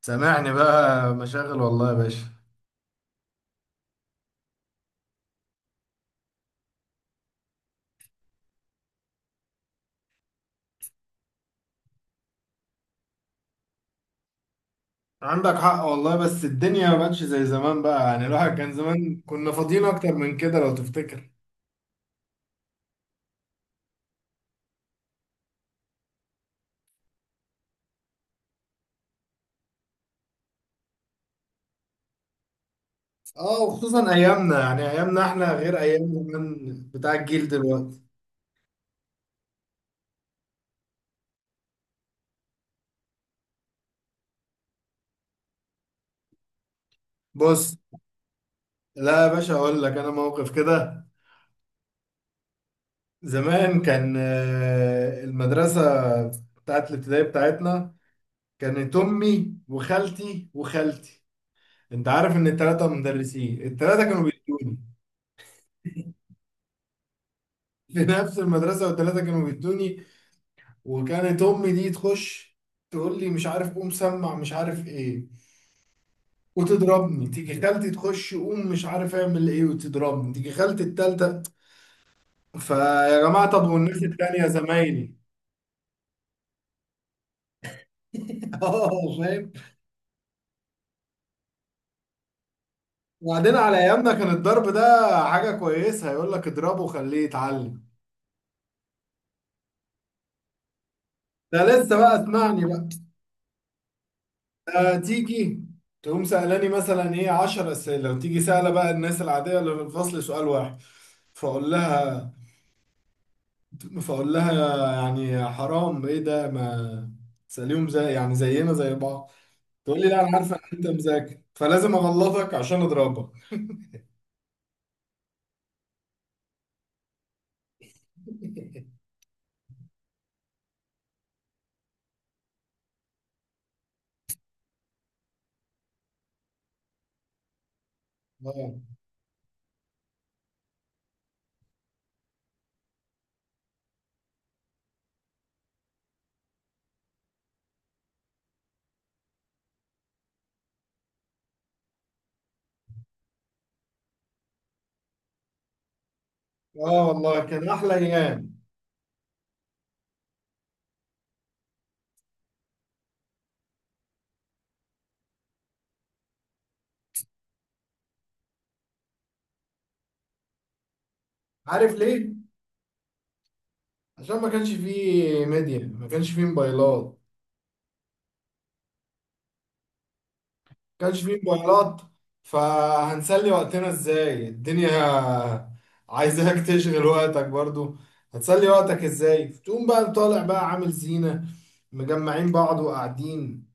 سامعني بقى، مشاغل والله يا باشا. عندك حق والله، بس الدنيا ما بقتش زي زمان، بقى يعني الواحد كان زمان كنا فاضيين اكتر من كده لو تفتكر. اه، وخصوصا ايامنا، يعني ايامنا احنا غير ايام زمان بتاع الجيل دلوقتي. بص، لا يا باشا، اقول لك انا موقف كده. زمان كان المدرسة بتاعت الابتدائي بتاعتنا كانت امي وخالتي وخالتي. انت عارف ان التلاتة مدرسين، التلاتة كانوا بيدوني. في نفس المدرسة، والتلاتة كانوا بيدوني. وكانت امي دي تخش تقول لي مش عارف قوم سمع مش عارف ايه وتضربني، تيجي خالتي تخش قوم مش عارف اعمل ايه وتضربني، تيجي خالتي التالتة. فيا جماعة، طب والناس التانية زمايلي؟ اه، فاهم. وبعدين على ايامنا كان الضرب ده حاجة كويسة، يقول لك اضربه وخليه يتعلم. ده لسه بقى، اسمعني بقى. ده تيجي تقوم سألاني مثلا ايه 10 اسئلة، وتيجي سألة بقى الناس العادية اللي في الفصل سؤال واحد. فاقول فاقول لها يعني حرام ايه ده، ما تسأليهم زي، يعني زينا زي بعض. تقول لي لا، انا عارفه ان انت مذاكر فلازم اغلطك عشان اضربك. اه. اه والله كان احلى ايام. عارف ليه؟ عشان ما كانش فيه ميديا، ما كانش فيه موبايلات. ما كانش فيه موبايلات. فهنسلي وقتنا ازاي الدنيا؟ عايزاك تشغل وقتك برضو. هتسلي وقتك ازاي؟ تقوم بقى طالع بقى عامل زينة، مجمعين بعض وقاعدين.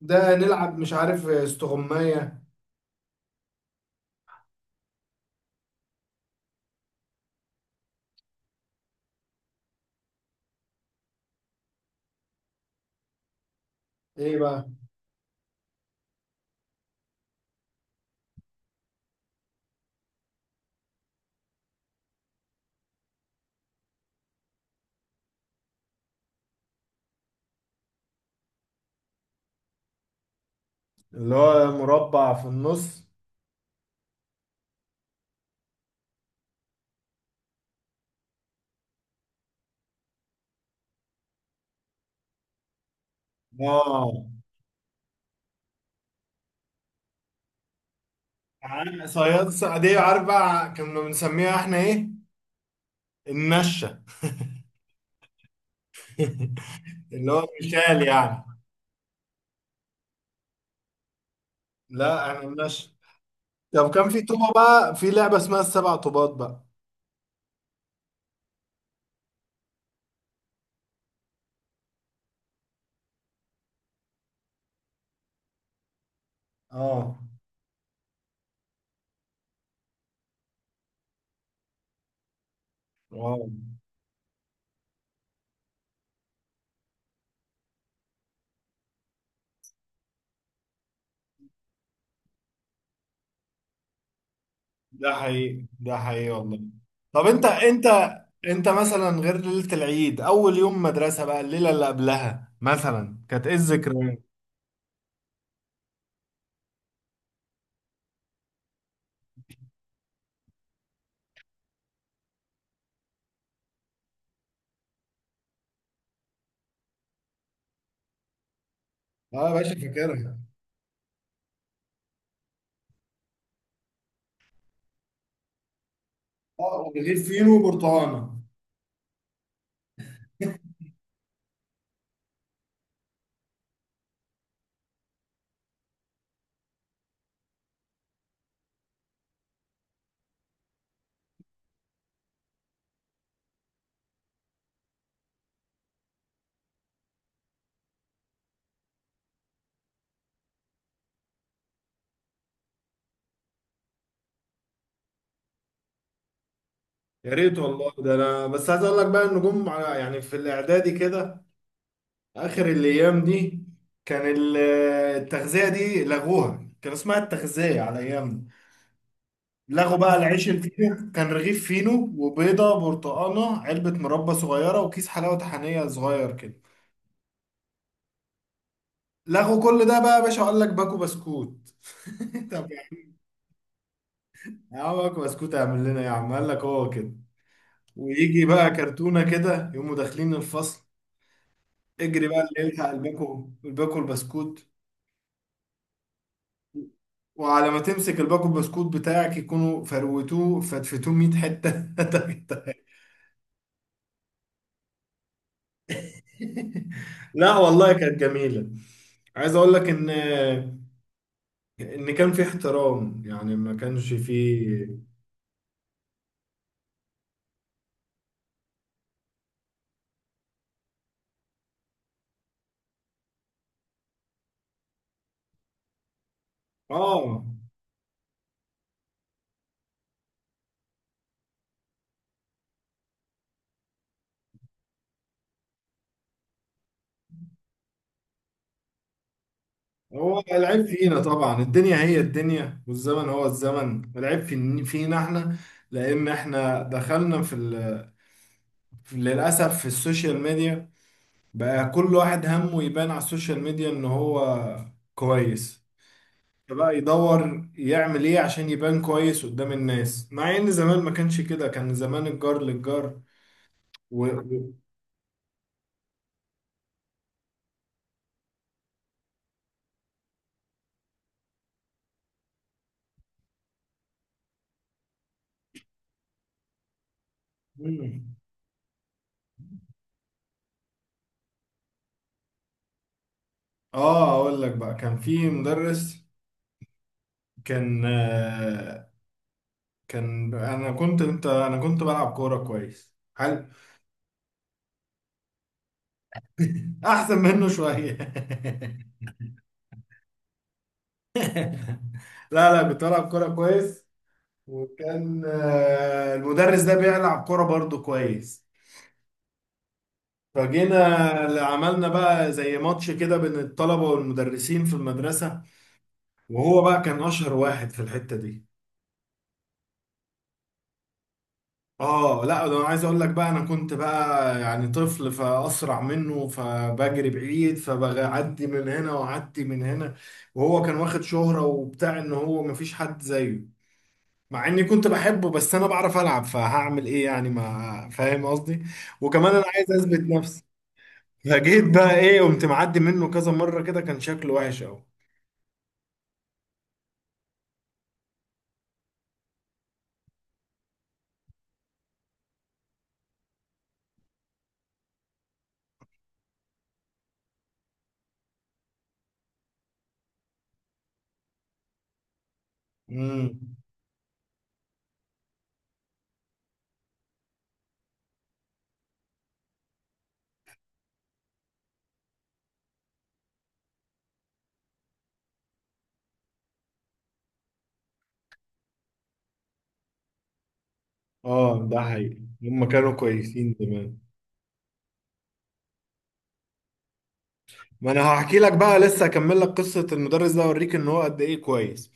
ده نلعب مش عارف استغماية. ايه بقى؟ اللي هو مربع في النص. اه، صيادية، عارف بقى كنا بنسميها احنا ايه؟ النشة. اللي هو المثال يعني. لا، احنا النشة. طب كان في طوبة بقى، في لعبة اسمها السبع طوبات بقى. اه. واو. ده حقيقي، ده حقيقي والله. طب انت، انت مثلا، غير ليلة العيد، اول يوم مدرسة بقى الليلة اللي قبلها مثلا، كانت ايه الذكرى؟ اه يا باشا، فاكرها. اه، غير فينو وبرتقانه. يا ريت والله، ده انا بس عايز اقول لك بقى ان جم يعني في الاعدادي كده، اخر الايام دي كان ال- التغذيه دي لغوها، كان اسمها التغذيه على ايامنا. لغوا بقى، العيش الفينو كان رغيف فينو وبيضه برتقانه، علبه مربى صغيره، وكيس حلاوه طحينيه صغير كده. لغوا كل ده بقى يا باشا، قال لك باكو بسكوت. طب يا عم، باكو بسكوت اعمل لنا إيه يا عم؟ قال لك هو كده. ويجي بقى كرتونة كده، يقوموا داخلين الفصل. اجري بقى اللي يلحق الباكو البسكوت. وعلى ما تمسك الباكو البسكوت بتاعك، يكونوا فروتوه فتفتوه 100 حتة. لا والله، كانت جميلة. عايز اقول لك ان كان في احترام، يعني ما كانش في. اه، هو العيب فينا طبعا، الدنيا هي الدنيا والزمن هو الزمن، العيب فينا احنا. لان احنا دخلنا في ال للأسف في السوشيال ميديا. بقى كل واحد همه يبان على السوشيال ميديا إن هو كويس. فبقى يدور يعمل إيه عشان يبان كويس قدام الناس، مع إن زمان ما كانش كده، كان زمان الجار للجار. و... و... مم. أقول لك بقى، كان في مدرس. كان آه، كان أنا كنت أنت أنا كنت بلعب كورة كويس. حلو. أحسن منه شوية. لا، لا، كنت بلعب كورة كويس. وكان المدرس ده بيلعب كرة برضه كويس. فجينا اللي عملنا بقى زي ماتش كده بين الطلبة والمدرسين في المدرسة. وهو بقى كان أشهر واحد في الحتة دي. اه، لا ده انا عايز اقول لك بقى، انا كنت بقى يعني طفل فاسرع منه، فبجري بعيد فبعدي من هنا واعدي من هنا. وهو كان واخد شهرة وبتاع ان هو مفيش حد زيه. مع اني كنت بحبه بس انا بعرف العب، فهعمل ايه يعني؟ ما فاهم قصدي؟ وكمان انا عايز اثبت نفسي. فجيت بقى ايه، قمت معدي منه كذا مره كده، كان شكله وحش قوي. امم. اه، ده حقيقي، هم كانوا كويسين زمان. ما انا هحكي لك بقى، لسه هكمل لك قصه المدرس ده، اوريك ان هو قد ايه كويس.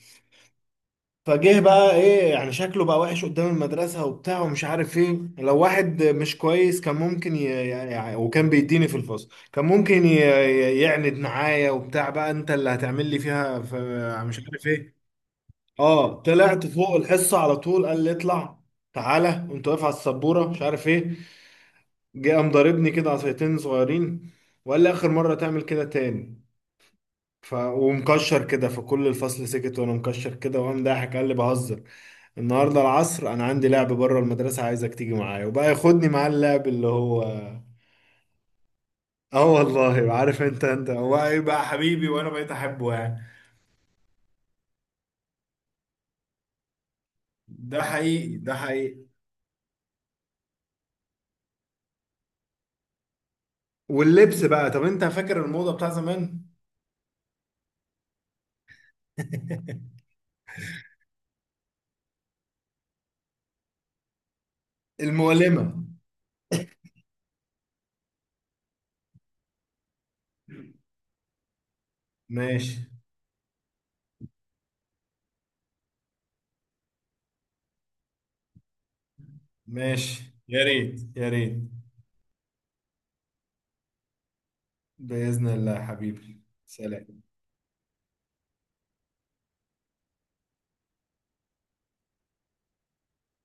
فجه بقى ايه يعني، شكله بقى وحش قدام المدرسة وبتاع ومش عارف ايه. لو واحد مش كويس كان ممكن يعني، وكان بيديني في الفصل كان ممكن يعند معايا وبتاع، بقى انت اللي هتعمل لي فيها مش عارف ايه. اه، طلعت فوق الحصة على طول، قال لي اطلع تعالى، وانت واقف على السبورة مش عارف ايه. جه قام ضاربني كده عصايتين صغيرين، وقال لي اخر مرة تعمل كده تاني. ومكشر كده، فكل الفصل سكت وانا مكشر كده، وقام ضاحك قال لي بهزر. النهارده العصر انا عندي لعب بره المدرسه، عايزك تيجي معايا، وبقى ياخدني معاه اللعب اللي هو. اه والله، عارف انت هو ايه بقى، يبقى حبيبي وانا بقيت احبه يعني. ده حقيقي، ده حقيقي. واللبس بقى، طب انت فاكر الموضه بتاع زمان؟ المؤلمه. ماشي. ماشي. يا ريت، يا ريت. باذن الله يا حبيبي. سلام.